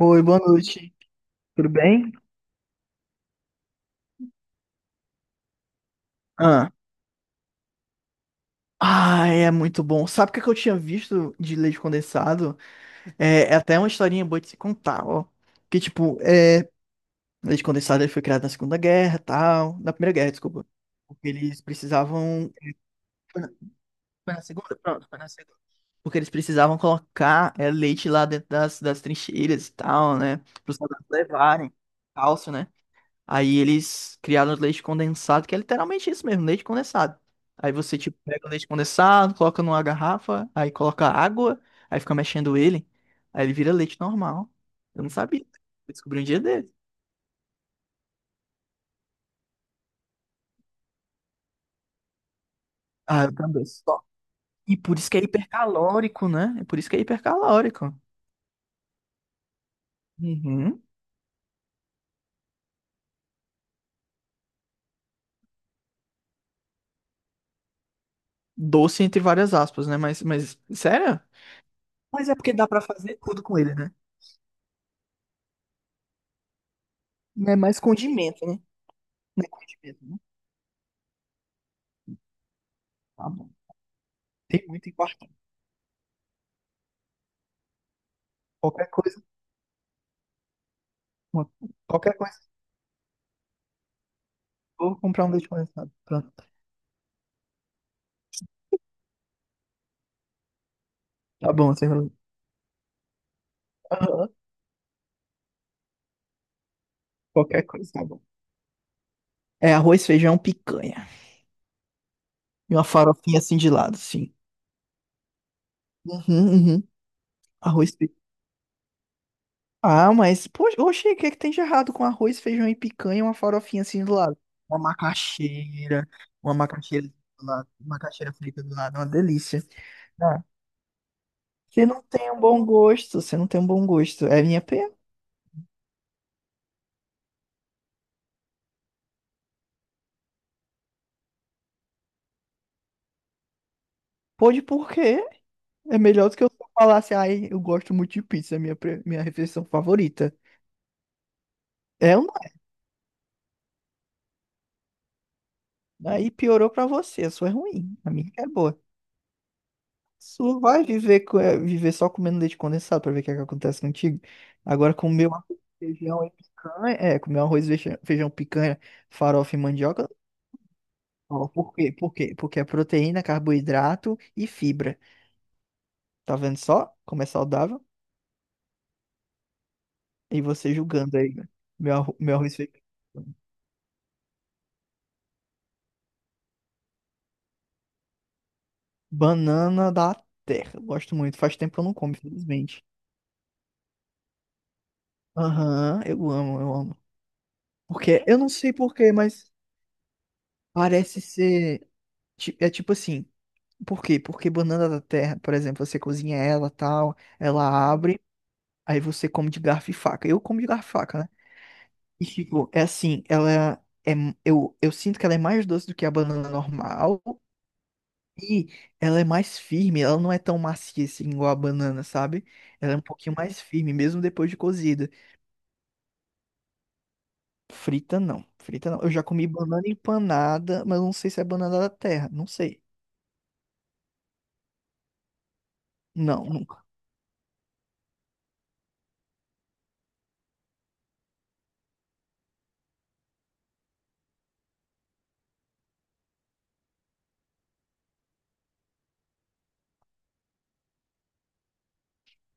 Oi, boa noite. Tudo bem? Ah. Ah, é muito bom. Sabe o que é que eu tinha visto de leite condensado? É até uma historinha boa de se contar, ó. Que, tipo, é, leite condensado ele foi criado na Segunda Guerra, tal. Na Primeira Guerra, desculpa. Porque eles precisavam... Foi na, foi na Segunda? Pronto, foi na Segunda. Porque eles precisavam colocar é, leite lá dentro das trincheiras e tal, né? Para os soldados levarem. Cálcio, né? Aí eles criaram leite condensado, que é literalmente isso mesmo, leite condensado. Aí você, tipo, pega o leite condensado, coloca numa garrafa, aí coloca água, aí fica mexendo ele, aí ele vira leite normal. Eu não sabia. Eu descobri um dia desse. Ah, eu também. Só. E por isso que é hipercalórico, né? É por isso que é hipercalórico. Uhum. Doce entre várias aspas, né? Mas, sério? Mas é porque dá pra fazer tudo com ele, né? Não é mais condimento, né? Não é condimento, né? Tá bom. Tem muito em quarto. Qualquer coisa. Uma... qualquer coisa, vou comprar um leite condensado. Pronto, tá bom, sem problema. Aham, qualquer coisa, tá bom. É arroz, feijão, picanha. E uma farofinha assim de lado, sim. Uhum, uhum. Arroz, feijão. Ah, mas, poxa, oxe, o que é que tem de errado com arroz, feijão e picanha e uma farofinha assim do lado? Uma macaxeira, uma macaxeira do lado, uma macaxeira frita do lado, uma delícia. Ah, você não tem um bom gosto, você não tem um bom gosto. É minha pena. Pode por quê? É melhor do que eu só falasse, ai, eu gosto muito de pizza, é minha, pre- minha refeição favorita. É uma. Aí piorou pra você, a sua é ruim, a minha é boa. Sua vai viver, co- viver só comendo leite condensado pra ver o que é que acontece contigo. Agora comer um arroz, feijão e picanha, é, comer um arroz, feijão, feijão, picanha, farofa e mandioca. Ó, por quê? Por quê? Porque é proteína, carboidrato e fibra. Tá vendo só como é saudável? E você julgando aí, né? Meu, arro- meu arroz feijão. Banana da terra. Gosto muito. Faz tempo que eu não como, infelizmente. Aham, eu amo, eu amo. Porque, eu não sei por quê, mas parece ser. Ti- é tipo assim. Por quê? Porque banana da terra, por exemplo, você cozinha ela tal, ela abre, aí você come de garfo e faca. Eu como de garfo e faca, né? E tipo, é assim, ela é. Eu sinto que ela é mais doce do que a banana normal. E ela é mais firme, ela não é tão macia assim igual a banana, sabe? Ela é um pouquinho mais firme, mesmo depois de cozida. Frita não, frita não. Eu já comi banana empanada, mas não sei se é banana da terra, não sei. Não, nunca.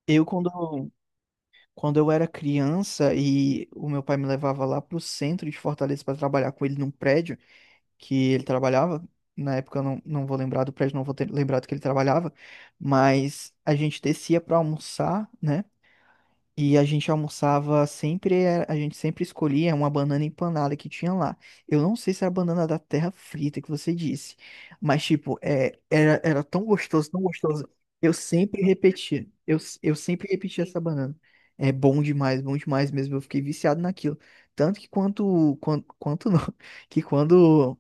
Eu quando, quando eu era criança e o meu pai me levava lá pro centro de Fortaleza para trabalhar com ele num prédio que ele trabalhava, na época eu não vou lembrar do prédio, não vou ter lembrado que ele trabalhava, mas a gente descia para almoçar, né? E a gente almoçava sempre, a gente sempre escolhia uma banana empanada que tinha lá. Eu não sei se era a banana da terra frita que você disse, mas tipo, é, era tão gostoso, tão gostoso. Eu sempre repetia, eu, s- eu sempre repetia essa banana. É bom demais mesmo. Eu fiquei viciado naquilo. Tanto que quanto não, que quando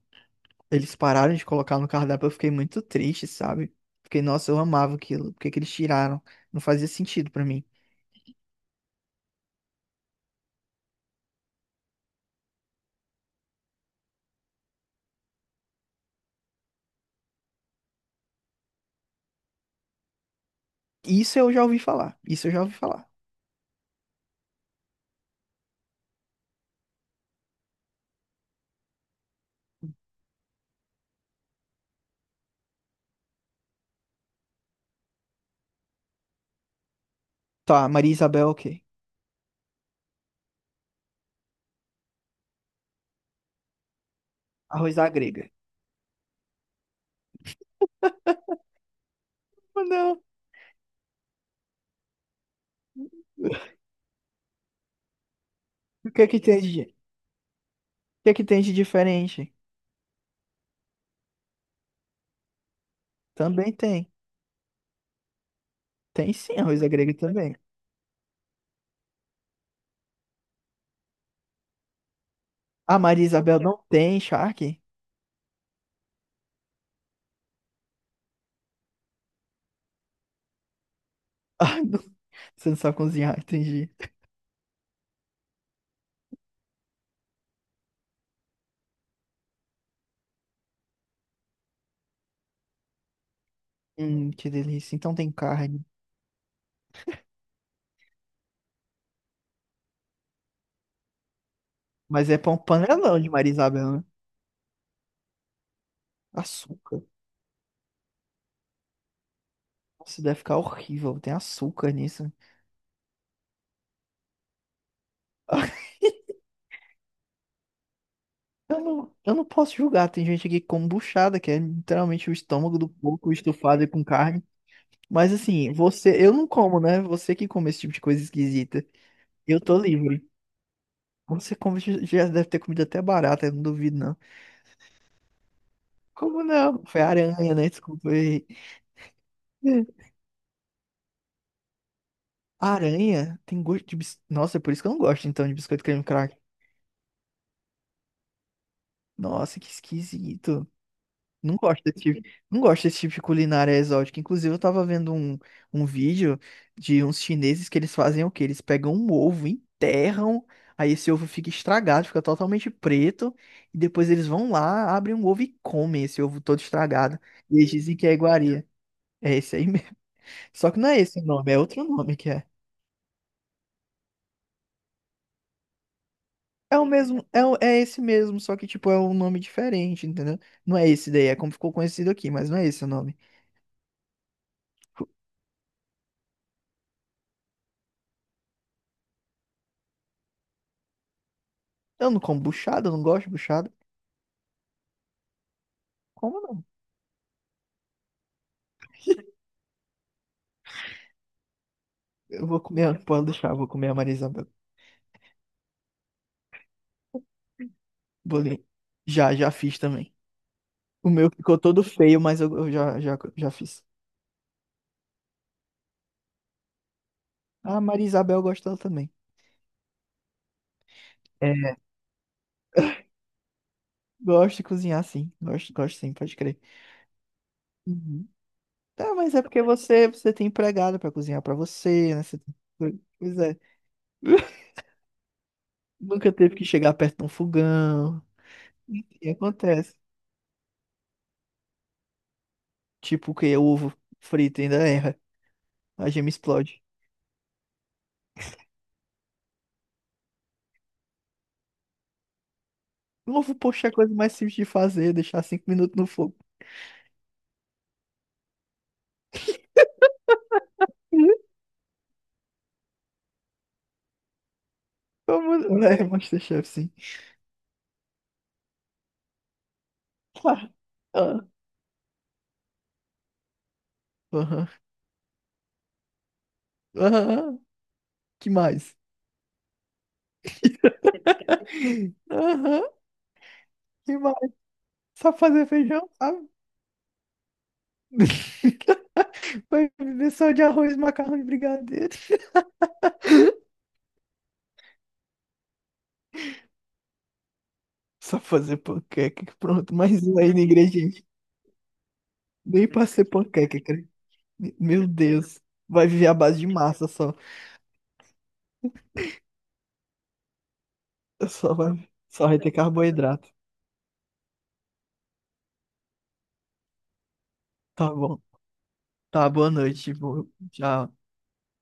eles pararam de colocar no cardápio, eu fiquei muito triste, sabe? Fiquei, nossa, eu amava aquilo. Por que que eles tiraram? Não fazia sentido pra mim. Isso eu já ouvi falar. Isso eu já ouvi falar. Tá, Maria Isabel, ok. Arroz à grega. Ah, não. O que é que tem de diferente? Também tem. Tem sim, arroz à grega também. A Maria Isabel não tem charque? Ah, não. Você não sabe cozinhar, entendi. Que delícia. Então tem carne. Mas é pão panelão de Maria Isabel, né? Açúcar. Nossa, deve ficar horrível. Tem açúcar nisso. Eu não posso julgar. Tem gente aqui com buchada, que é literalmente o estômago do porco estufado com carne. Mas assim, você, eu não como, né? Você que come esse tipo de coisa esquisita. Eu tô livre. Você come, já já deve ter comido até barata, eu não duvido, não. Como não? Foi aranha, né? Desculpa aí. É, aranha tem gosto de bis... Nossa, é por isso que eu não gosto, então, de biscoito creme crack. Nossa, que esquisito. Não gosto desse tipo, não gosto desse tipo de culinária exótica. Inclusive, eu tava vendo um vídeo de uns chineses que eles fazem o quê? Eles pegam um ovo, enterram, aí esse ovo fica estragado, fica totalmente preto, e depois eles vão lá, abrem um ovo e comem esse ovo todo estragado. E eles dizem que é iguaria. É esse aí mesmo. Só que não é esse o nome, é outro nome que é. É o mesmo, é, o- é esse mesmo, só que tipo é um nome diferente, entendeu? Não é esse daí, é como ficou conhecido aqui, mas não é esse o nome. Eu não como buchada, eu não gosto de buchada. Como não? Eu vou comer, pode deixar, eu vou comer a marisamba. Bolinho. Já, já fiz também. O meu ficou todo feio, mas eu já fiz. A Maria Isabel gostou também. É, gosto de cozinhar, sim. Gosto, gosto sim, pode crer. Uhum. Tá, mas é porque você, você tem empregada pra cozinhar pra você, né? Você tem... pois é. Nunca teve que chegar perto de um fogão. E acontece. Tipo que o ovo frito ainda erra. A gema explode. O ovo, poxa, é a coisa mais simples de fazer, deixar 5 minutos no fogo. Como, né? MasterChef, sim. Ah, ah, aham. Aham. Que mais? Aham. Que mais? Só fazer feijão, sabe? Vai viver só de arroz, macarrão e brigadeiro. Só fazer panqueca. Pronto, mais um aí no ingrediente. Nem pra ser panqueca, cara. Meu Deus. Vai viver à base de massa só. Só vai ter carboidrato. Tá bom. Tá, boa noite. Boa, tchau.